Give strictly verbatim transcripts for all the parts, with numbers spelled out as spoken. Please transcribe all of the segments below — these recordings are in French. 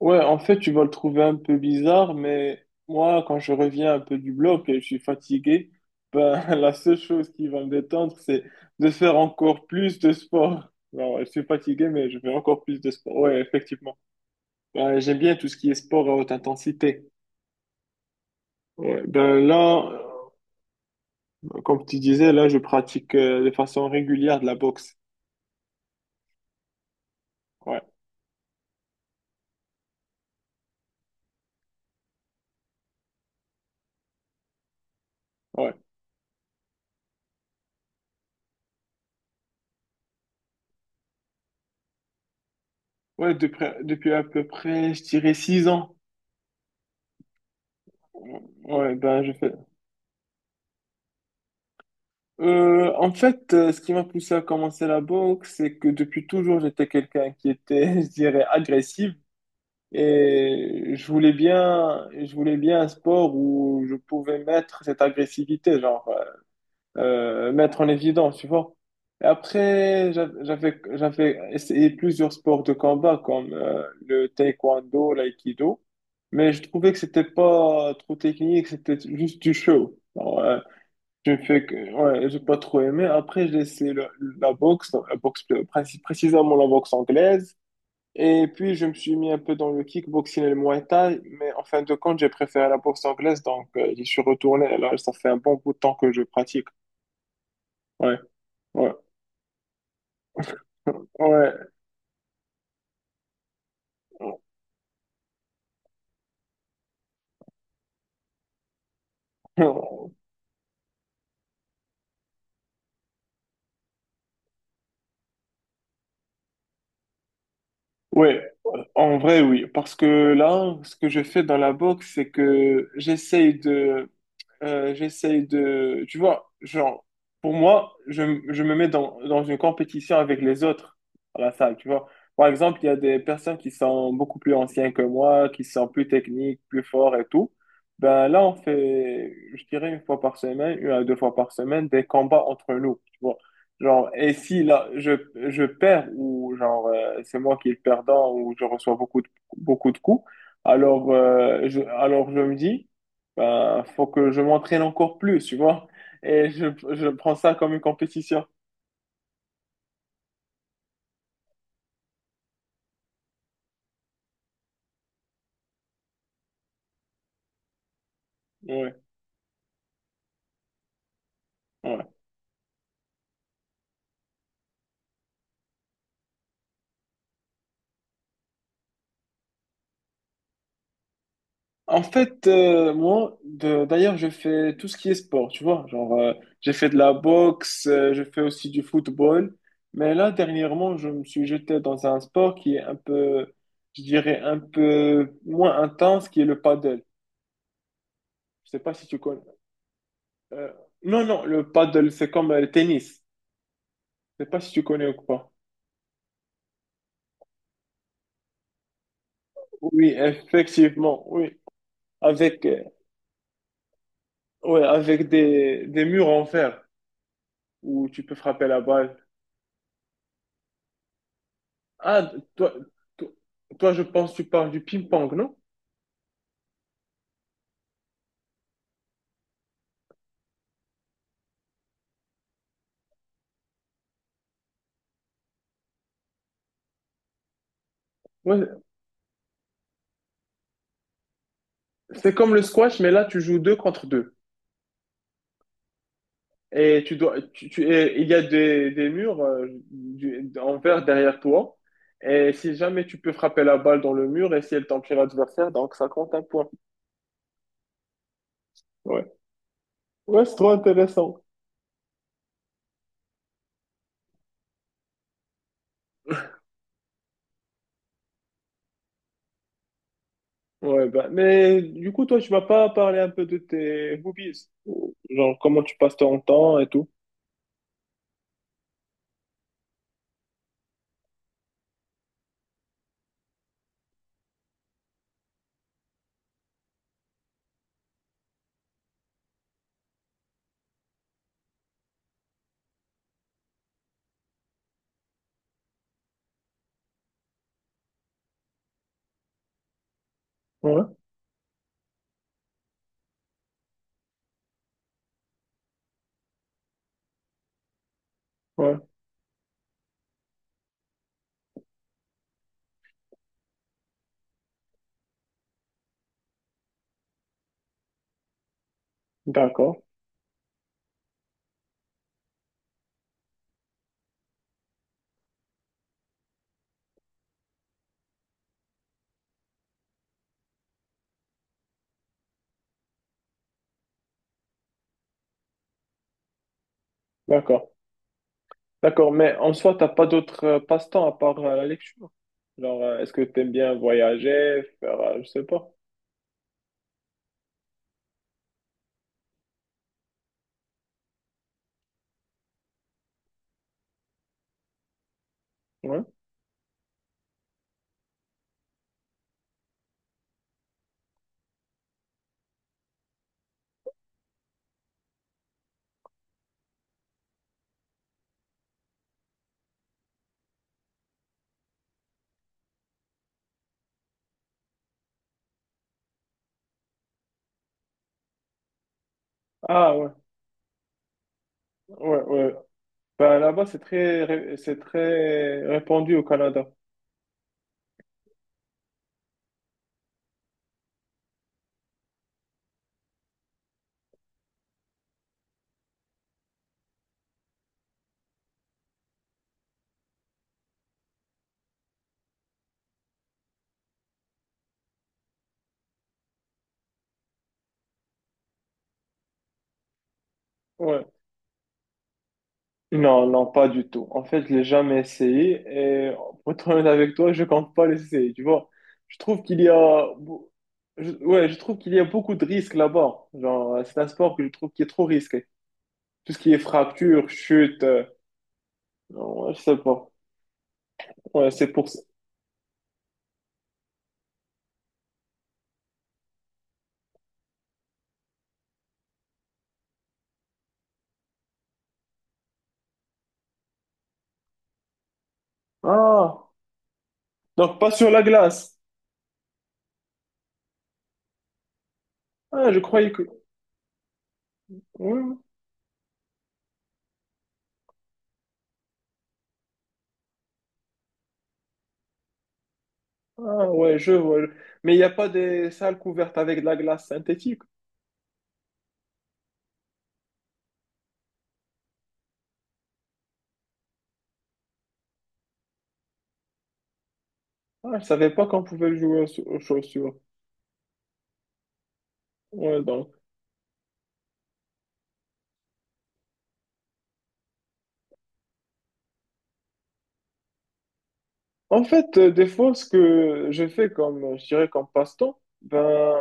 Ouais, en fait, tu vas le trouver un peu bizarre, mais moi, quand je reviens un peu du bloc et je suis fatigué, ben, la seule chose qui va me détendre, c'est de faire encore plus de sport. Alors, je suis fatigué, mais je fais encore plus de sport. Ouais, effectivement. Ben, j'aime bien tout ce qui est sport à haute intensité. Ouais, ben là, euh, comme tu disais, là, je pratique euh, de façon régulière de la boxe. Ouais, ouais. Ouais, de près- depuis à peu près, je dirais six ans. Ouais, ben, je fais, Euh, en fait, euh, ce qui m'a poussé à commencer la boxe, c'est que depuis toujours, j'étais quelqu'un qui était, je dirais, agressif et je voulais bien, je voulais bien un sport où je pouvais mettre cette agressivité, genre, euh, euh, mettre en évidence, tu vois. Et après, j'a- j'avais, j'avais essayé plusieurs sports de combat comme euh, le taekwondo, l'aïkido, mais je trouvais que c'était pas trop technique, c'était juste du show. J'ai fait que, ouais, j'ai pas trop aimé. Après, j'ai essayé le- la boxe, la boxe, euh, précis- précisément la boxe anglaise. Et puis, je me suis mis un peu dans le kickboxing et le muay thai. Mais en fin de compte, j'ai préféré la boxe anglaise. Donc, euh, j'y suis retourné. Et là, ça fait un bon bout de temps que je pratique. Ouais, ouais, ouais. Ouais, en vrai, oui. Parce que là, ce que je fais dans la boxe, c'est que j'essaye de, euh, j'essaye de... Tu vois, genre, pour moi, je, m- je me mets dans, dans une compétition avec les autres à la salle, tu vois. Par exemple, il y a des personnes qui sont beaucoup plus anciennes que moi, qui sont plus techniques, plus forts et tout. Ben là, on fait, je dirais, une fois par semaine, une à deux fois par semaine, des combats entre nous, tu vois. Genre, et si là, je, je perds ou genre, euh, c'est moi qui est le perdant ou je reçois beaucoup de, beaucoup de coups, alors, euh, je, alors je me dis... Ben, faut que je m'entraîne encore plus, tu vois. Et je, je prends ça comme une compétition. Ouais, ouais. En fait, euh, moi, de- d'ailleurs, je fais tout ce qui est sport, tu vois. Genre, euh, j'ai fait de la boxe, euh, je fais aussi du football. Mais là, dernièrement, je me suis jeté dans un sport qui est un peu, je dirais, un peu moins intense, qui est le paddle. Je sais pas si tu connais. Euh, non, non, le paddle, c'est comme euh, le tennis. Je sais pas si tu connais ou pas. Oui, effectivement, oui. Avec, euh, ouais, avec des, des murs en fer où tu peux frapper la balle. Ah, toi, toi, toi, je pense que tu parles du ping-pong, non? Ouais, c'est comme le squash, mais là, tu joues deux contre deux. Et tu dois, tu, tu- et il y a des, des murs euh, du- en verre derrière toi. Et si jamais tu peux frapper la balle dans le mur et si elle tombe chez l'adversaire, donc ça compte un point. Ouais, ouais, c'est trop intéressant. Ouais, bah, mais du coup, toi, tu vas pas parler un peu de tes hobbies, genre comment tu passes ton temps et tout. Ouais, ouais, d'accord, d'accord, d'accord. Mais en soi, t'as pas d'autres euh, passe-temps à part euh, la lecture. Genre, euh, est-ce que t'aimes bien voyager, faire, euh, je sais pas. Ouais. Ah ouais, ouais, ouais, Ben, là-bas, c'est très, ré- c'est très répandu au Canada. Ouais. Non, non, pas du tout. En fait, je l'ai jamais essayé et pour être honnête avec toi, je compte pas l'essayer, tu vois. Je trouve qu'il y a, beau- je- ouais, je trouve qu'il y a beaucoup de risques là-bas. Genre, c'est un sport que je trouve qui est trop risqué. Tout ce qui est fracture, chute, euh, non, ouais, je sais pas. Ouais, c'est pour ça. Ah, donc pas sur la glace. Ah, je croyais que. Ouais, ouais. Ah, ouais, je vois. je- Mais il n'y a pas des salles couvertes avec de la glace synthétique. Ah, je savais pas qu'on pouvait jouer aux chau- aux chaussures. Ouais, donc. En fait, euh, des fois, ce que je fais comme, euh, je dirais, comme passe-temps, ben,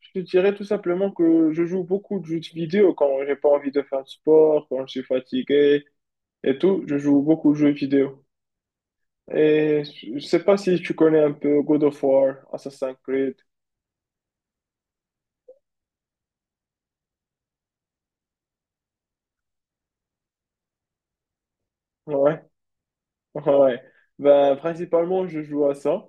je te dirais tout simplement que je joue beaucoup de jeux de vidéo quand j'ai pas envie de faire de sport, quand je suis fatigué et tout. Je joue beaucoup de jeux vidéo. Et je sais pas si tu connais un peu God of War, Assassin's Creed. Ouais, ouais. Ben, principalement, je joue à ça.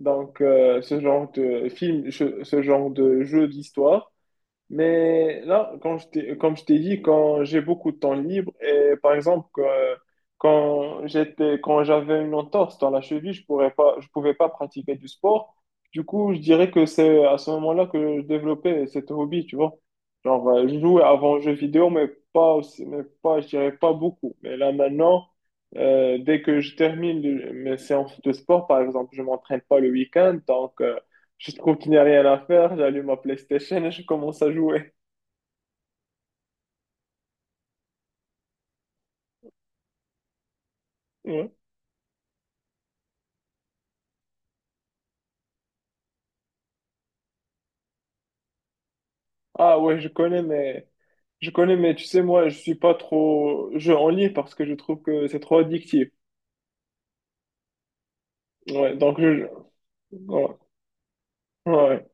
Donc, euh, ce genre de film, je- ce genre de jeu d'histoire. Mais là, quand je t'ai- comme je t'ai dit, quand j'ai beaucoup de temps libre et par exemple que- quand j'étais, quand j'avais une entorse dans la cheville, je pourrais pas, je pouvais pas pratiquer du sport. Du coup, je dirais que c'est à ce moment-là que je développais cet hobby, tu vois. Genre, euh, je jouais avant aux jeux vidéo, mais pas aussi, mais pas, je dirais pas beaucoup. Mais là maintenant, euh, dès que je termine le- mes séances de sport, par exemple, je m'entraîne pas le week-end, donc. euh, je trouve qu'il n'y a rien à faire, j'allume ma PlayStation et je commence à jouer. Ouais. Ah ouais, je connais, mais je connais, mais tu sais, moi, je suis pas trop jeu en ligne parce que je trouve que c'est trop addictif. Ouais, donc je ouais, ouais.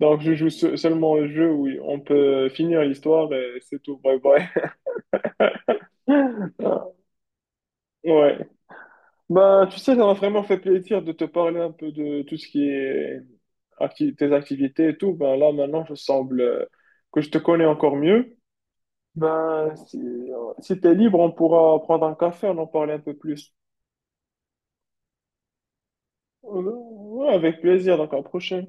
Donc je joue se- seulement au jeu où on peut finir l'histoire et c'est tout. Bye bye. Ah, ouais. Bah, tu sais, ça m'a vraiment fait plaisir de te parler un peu de tout ce qui est acti- tes activités et tout. Ben là, maintenant, je semble euh, que je te connais encore mieux. Ben, si, si t'es libre, on pourra prendre un café, on en parle un peu plus. Euh, Ouais, avec plaisir, donc à la prochaine.